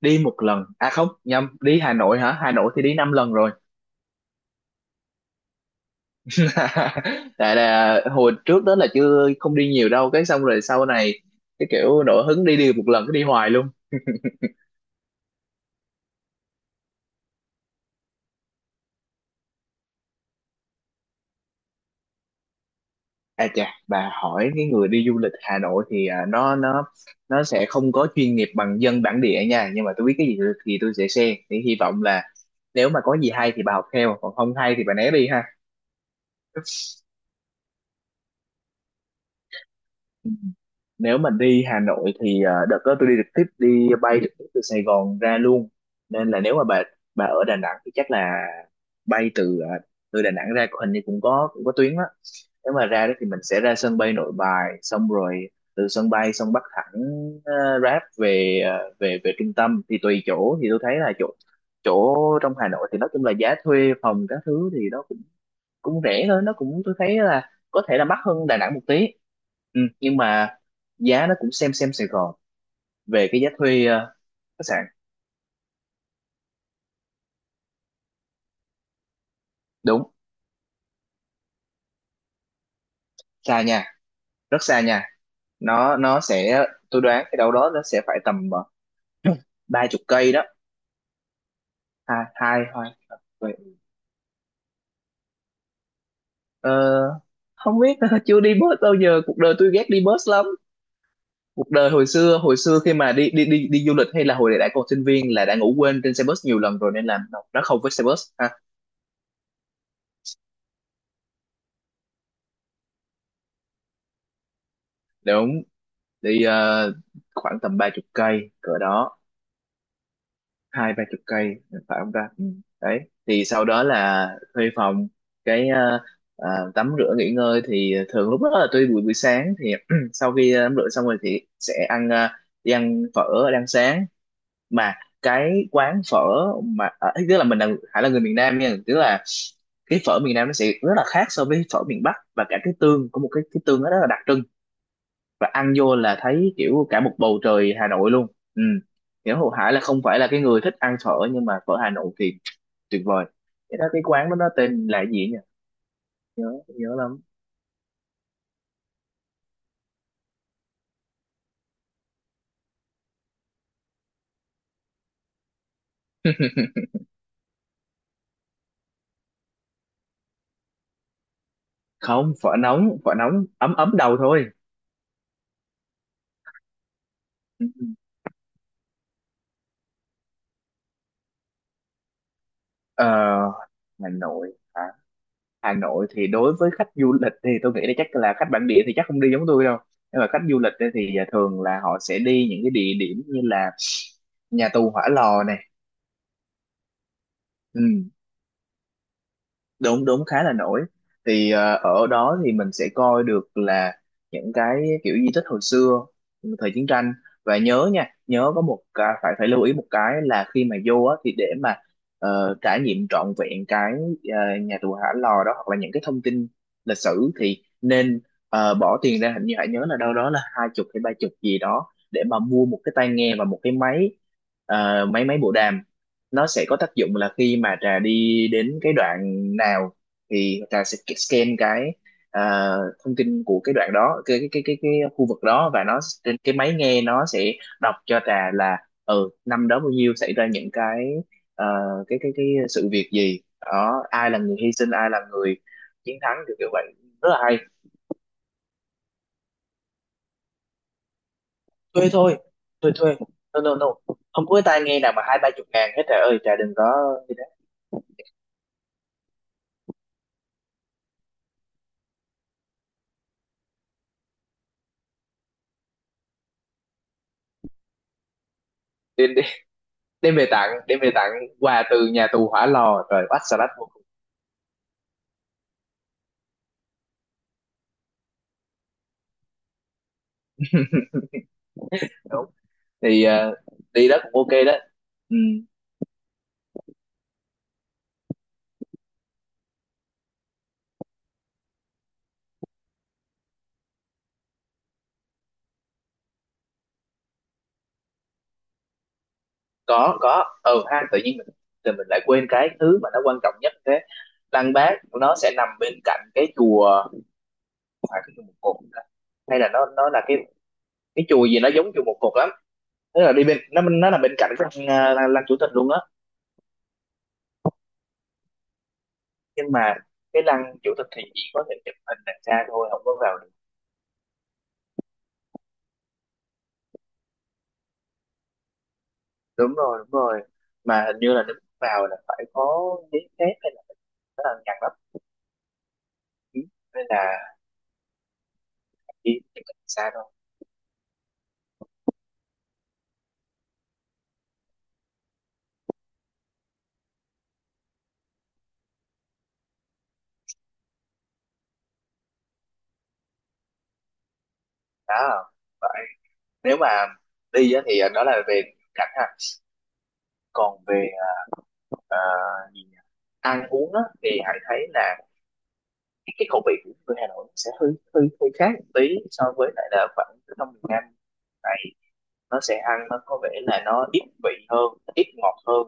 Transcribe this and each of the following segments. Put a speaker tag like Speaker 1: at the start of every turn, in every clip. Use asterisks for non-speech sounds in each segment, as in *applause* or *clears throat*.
Speaker 1: Đi một lần, à không, nhầm. Đi Hà Nội hả? Hà Nội thì đi 5 lần rồi. *laughs* Tại là hồi trước đó là chưa, không đi nhiều đâu, cái xong rồi sau này cái kiểu nổi hứng đi, đi một lần cứ đi hoài luôn. À chà, bà hỏi cái người đi du lịch Hà Nội thì nó nó sẽ không có chuyên nghiệp bằng dân bản địa nha, nhưng mà tôi biết cái gì thì tôi sẽ share, thì hy vọng là nếu mà có gì hay thì bà học theo, còn không hay thì bà né đi ha. Nếu mà đi Hà Nội thì đợt đó tôi đi trực tiếp, đi bay trực tiếp từ Sài Gòn ra luôn, nên là nếu mà bà ở Đà Nẵng thì chắc là bay từ từ Đà Nẵng ra, hình như cũng có, cũng có tuyến đó. Nếu mà ra đó thì mình sẽ ra sân bay Nội Bài, xong rồi từ sân bay xong bắt thẳng Grab về, về, về trung tâm. Thì tùy chỗ, thì tôi thấy là chỗ chỗ trong Hà Nội thì nói chung là giá thuê phòng các thứ thì nó cũng, cũng rẻ thôi, nó cũng, tôi thấy là có thể là mắc hơn Đà Nẵng một tí. Ừ, nhưng mà giá nó cũng xem Sài Gòn về cái giá thuê khách sạn. Đúng. Xa nha. Rất xa nha. Nó sẽ, tôi đoán cái đâu đó nó sẽ phải tầm *clears throat* 30 cây đó. Hai hai hai vậy. ờ, Không biết. *laughs* Chưa đi bus bao giờ, cuộc đời tôi ghét đi bus lắm. Cuộc đời hồi xưa, hồi xưa khi mà đi đi du lịch hay là hồi đã còn sinh viên là đã ngủ quên trên xe bus nhiều lần rồi nên là nó không với xe bus ha. Đúng. Đi khoảng tầm 30 cây cỡ đó. 20 30 cây, phải không ta. Ừ. Đấy. Thì sau đó là thuê phòng, cái tắm rửa nghỉ ngơi. Thì thường lúc đó là tuy buổi, buổi sáng thì *clears throat* sau khi tắm rửa xong rồi thì sẽ ăn, đi ăn phở, ăn sáng. Mà cái quán phở mà tức là mình là, Hải là người miền Nam nha, tức là cái phở miền Nam nó sẽ rất là khác so với phở miền Bắc, và cả cái tương, có một cái tương nó rất là đặc trưng, và ăn vô là thấy kiểu cả một bầu trời Hà Nội luôn. Ừ. Nghĩa Hồ Hải là không phải là cái người thích ăn phở, nhưng mà phở Hà Nội thì tuyệt vời. Cái đó, cái quán đó nó tên là cái gì nhỉ, nhớ, nhớ lắm. Không, phở nóng, phở nóng ấm ấm đầu thôi. Ừ. ờ, Hà Nội hả. Hà Nội thì đối với khách du lịch thì tôi nghĩ là, chắc là khách bản địa thì chắc không đi giống tôi đâu, nhưng mà khách du lịch ấy thì thường là họ sẽ đi những cái địa điểm như là nhà tù Hỏa Lò này. Ừ. Đúng, đúng, khá là nổi. Thì ở đó thì mình sẽ coi được là những cái kiểu di tích hồi xưa, thời chiến tranh. Và nhớ nha, nhớ có một cái, phải, phải lưu ý một cái là khi mà vô á, thì để mà trải nghiệm trọn vẹn cái nhà tù Hỏa Lò đó, hoặc là những cái thông tin lịch sử thì nên bỏ tiền ra, hình như hãy nhớ là đâu đó là 20 hay 30 gì đó, để mà mua một cái tai nghe và một cái máy, máy bộ đàm. Nó sẽ có tác dụng là khi mà trà đi đến cái đoạn nào thì trà sẽ scan cái, à, thông tin của cái đoạn đó, cái khu vực đó, và nó trên cái máy nghe nó sẽ đọc cho trà là, ừ, năm đó bao nhiêu, xảy ra những cái ờ, cái sự việc gì đó, ai là người hy sinh, ai là người chiến thắng, kiểu kiểu vậy, rất là hay. Thuê thôi. Thuê thuê. No no no, không có cái tai nghe nào mà 20 30 ngàn hết trà ơi, trà đừng có như thế. Đem về tặng, đem về tặng quà từ nhà tù Hỏa Lò rồi quá salad vô cùng. Đúng. Thì đi đó cũng ok đó. Ừ, có, ừ ha, tự nhiên mình, thì mình lại quên cái thứ mà nó quan trọng nhất thế. Lăng Bác nó sẽ nằm bên cạnh cái chùa, phải cái chùa Một Cột hả? Hay là nó là cái chùa gì nó giống chùa Một Cột lắm. Tức là đi bên nó là bên cạnh cái lăng, ờ, lăng, lăng chủ tịch luôn á. Nhưng mà cái lăng chủ tịch thì chỉ có thể chụp hình đằng xa thôi, không có vào. Đúng rồi, đúng rồi. Mà hình như là nếu vào là phải có giấy phép, hay là nó là ngăn lắm. Ừ. Nên là đi thì mình xa thôi. Đó. Vậy, nếu mà đi á, thì đó là về cảnh ha. Còn về ờ, gì nhỉ? Ăn uống á, thì hãy thấy là cái khẩu vị của người Hà Nội sẽ hơi hơi hơi khác một tí so với lại là khoảng ở trong miền Nam. Tại nó sẽ ăn, nó có vẻ là nó ít vị hơn, ít ngọt hơn,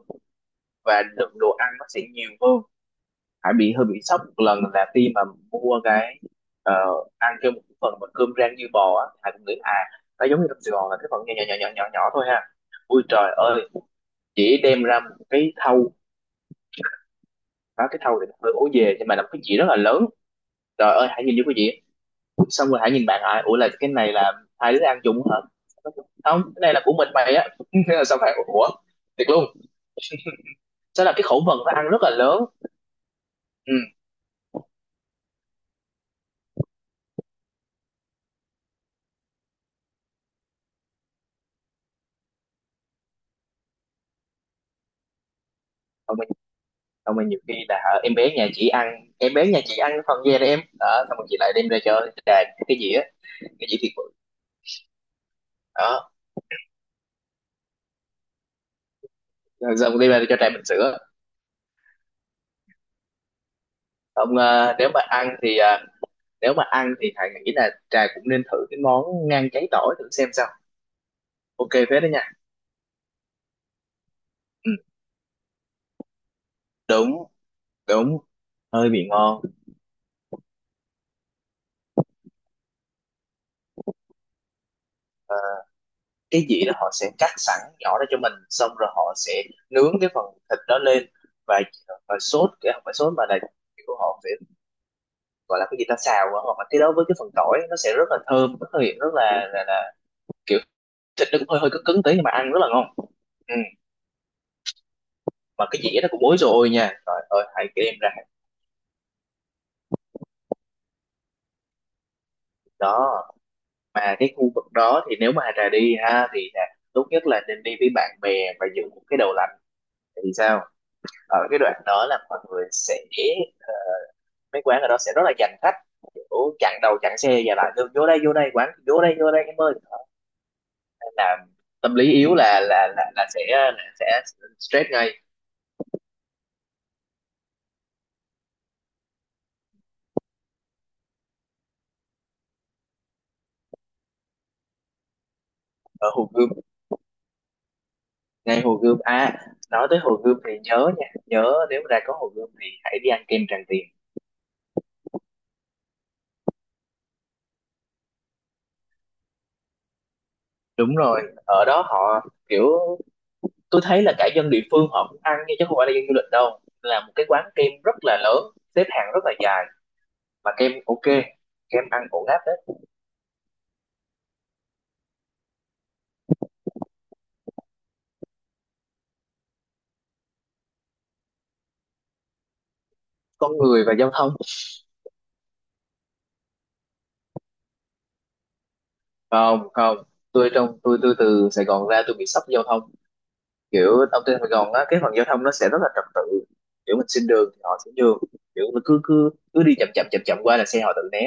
Speaker 1: và lượng đồ ăn nó sẽ nhiều hơn. Hải bị hơi bị sốc một lần là khi mà mua cái, ờ, ăn kêu một phần mà cơm rang như bò á, Hải cũng nghĩ à, nó giống như trong Sài Gòn là cái phần nhỏ nhỏ nhỏ nhỏ nhỏ nhỏ thôi ha. Ui trời ơi, chị đem ra một cái thau. Đó, cái thau thì nó hơi ố về, nhưng mà là một cái dĩa rất là lớn. Trời ơi, Hải nhìn vô cái dĩa, xong rồi Hải nhìn bạn Hải, ủa là cái này là hai đứa ăn chung hả? Không, cái này là của mình mày á. *laughs* Thế là xong Hải ủa, thiệt luôn. Thế là cái khẩu phần nó ăn rất là lớn. Ừ. Xong rồi nhiều khi là em bé nhà chị ăn, em bé nhà chị ăn phần về đây em đó, xong rồi chị lại đem ra cho trà cái gì á, cái gì thiệt bự. Đó. Rồi xong đem ra cho trà bình sữa. Ông, nếu mà ăn thì nếu mà ăn thì thầy nghĩ là trà cũng nên thử cái món ngan cháy tỏi thử xem sao. Ok phết đó nha. Ừ, đúng, đúng. Hơi bị ngon. Ờ, cái dĩa đó họ sẽ cắt sẵn nhỏ ra cho mình, xong rồi họ sẽ nướng cái phần thịt đó lên, và và sốt cái, không phải sốt mà là kiểu họ sẽ gọi là cái gì ta, xào á, hoặc là cái đó với cái phần tỏi nó sẽ rất là thơm, rất là hiện, rất là, là kiểu, thịt nó cũng hơi hơi cứng cứng tí nhưng mà ăn rất là ngon. Ừ. Mà cái dĩa nó cũng ối rồi nha, trời ơi, hãy đem ra. Đó. Mà cái khu vực đó thì nếu mà Hà Trà đi ha thì Hà, tốt nhất là nên đi với bạn bè và dựng một cái đầu lạnh thì sao. Ở cái đoạn đó là mọi người sẽ, mấy quán ở đó sẽ rất là giành khách, kiểu chặn đầu chặn xe và lại, "Được, vô đây quán, vô đây em ơi." Đó, nên là tâm lý yếu là là sẽ, là sẽ stress ngay. Ở Hồ Gươm. Ngay Hồ Gươm à. Nói tới Hồ Gươm thì nhớ nha, nhớ nếu mà ra có Hồ Gươm thì hãy đi ăn kem Tràng Tiền. Đúng rồi. Ở đó họ kiểu, tôi thấy là cả dân địa phương họ cũng ăn nha, chứ không phải là dân du lịch đâu, là một cái quán kem rất là lớn, xếp hàng rất là dài, mà kem ok, kem ăn ổn áp đấy. Con người và giao thông. Không không, tôi trong tôi từ Sài Gòn ra tôi bị sốc giao thông. Kiểu ở trên Sài Gòn á, cái phần giao thông nó sẽ rất là trật tự, kiểu mình xin đường thì họ sẽ đường, kiểu mình cứ cứ cứ đi chậm chậm chậm chậm qua là xe họ tự né.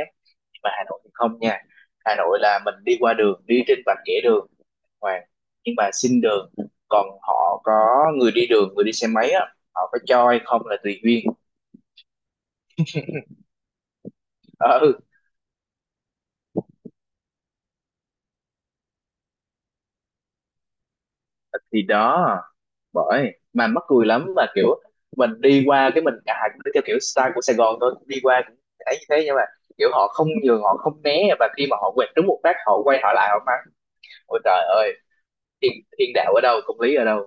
Speaker 1: Nhưng mà Hà Nội thì không nha. Hà Nội là mình đi qua đường, đi trên vạch kẻ đường hoàng, nhưng mà xin đường, còn họ, có người đi đường, người đi xe máy á, họ có cho hay không là tùy duyên. Ừ. Thì đó, bởi mà mắc cười lắm, mà kiểu mình đi qua cái mình cả hai cũng đi theo kiểu style của Sài Gòn thôi, đi qua cũng thấy như thế. Nhưng mà kiểu họ không nhường, họ không né, và khi mà họ quẹt trúng một phát họ quay họ lại họ mắng, ôi trời ơi, thiên, thiên đạo ở đâu, công lý ở đâu.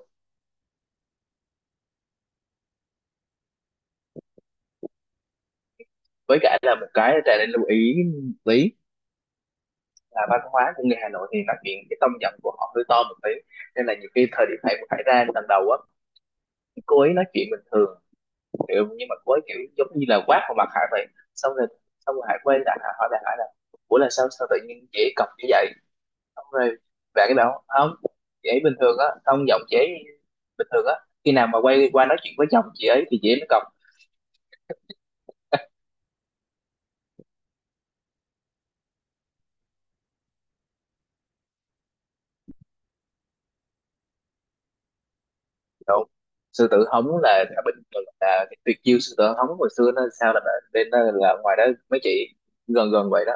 Speaker 1: Với cả là một cái, trà nên lưu ý lý là văn hóa của người Hà Nội thì nói chuyện cái tông giọng của họ hơi to một tí, nên là nhiều khi thời điểm này cũng, phải ra lần đầu á, cô ấy nói chuyện bình thường, hiểu, nhưng mà cô ấy kiểu giống như là quát vào mặt Hải vậy. Xong rồi, xong rồi Hải quay lại, Hải hỏi lại Hải là, ủa là sao, sao tự nhiên chị cọc như vậy. Xong rồi bạn cái bảo không, chị ấy bình thường á, tông giọng chị ấy bình thường á, khi nào mà quay qua nói chuyện với chồng chị ấy thì chị ấy mới cọc. Rồi, sư tử hống là bình thường, là cái tuyệt chiêu sư tử hống hồi xưa nó sao, là nên là ngoài đó mấy chị gần gần vậy đó.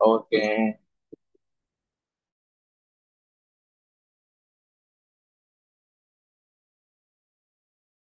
Speaker 1: Ok.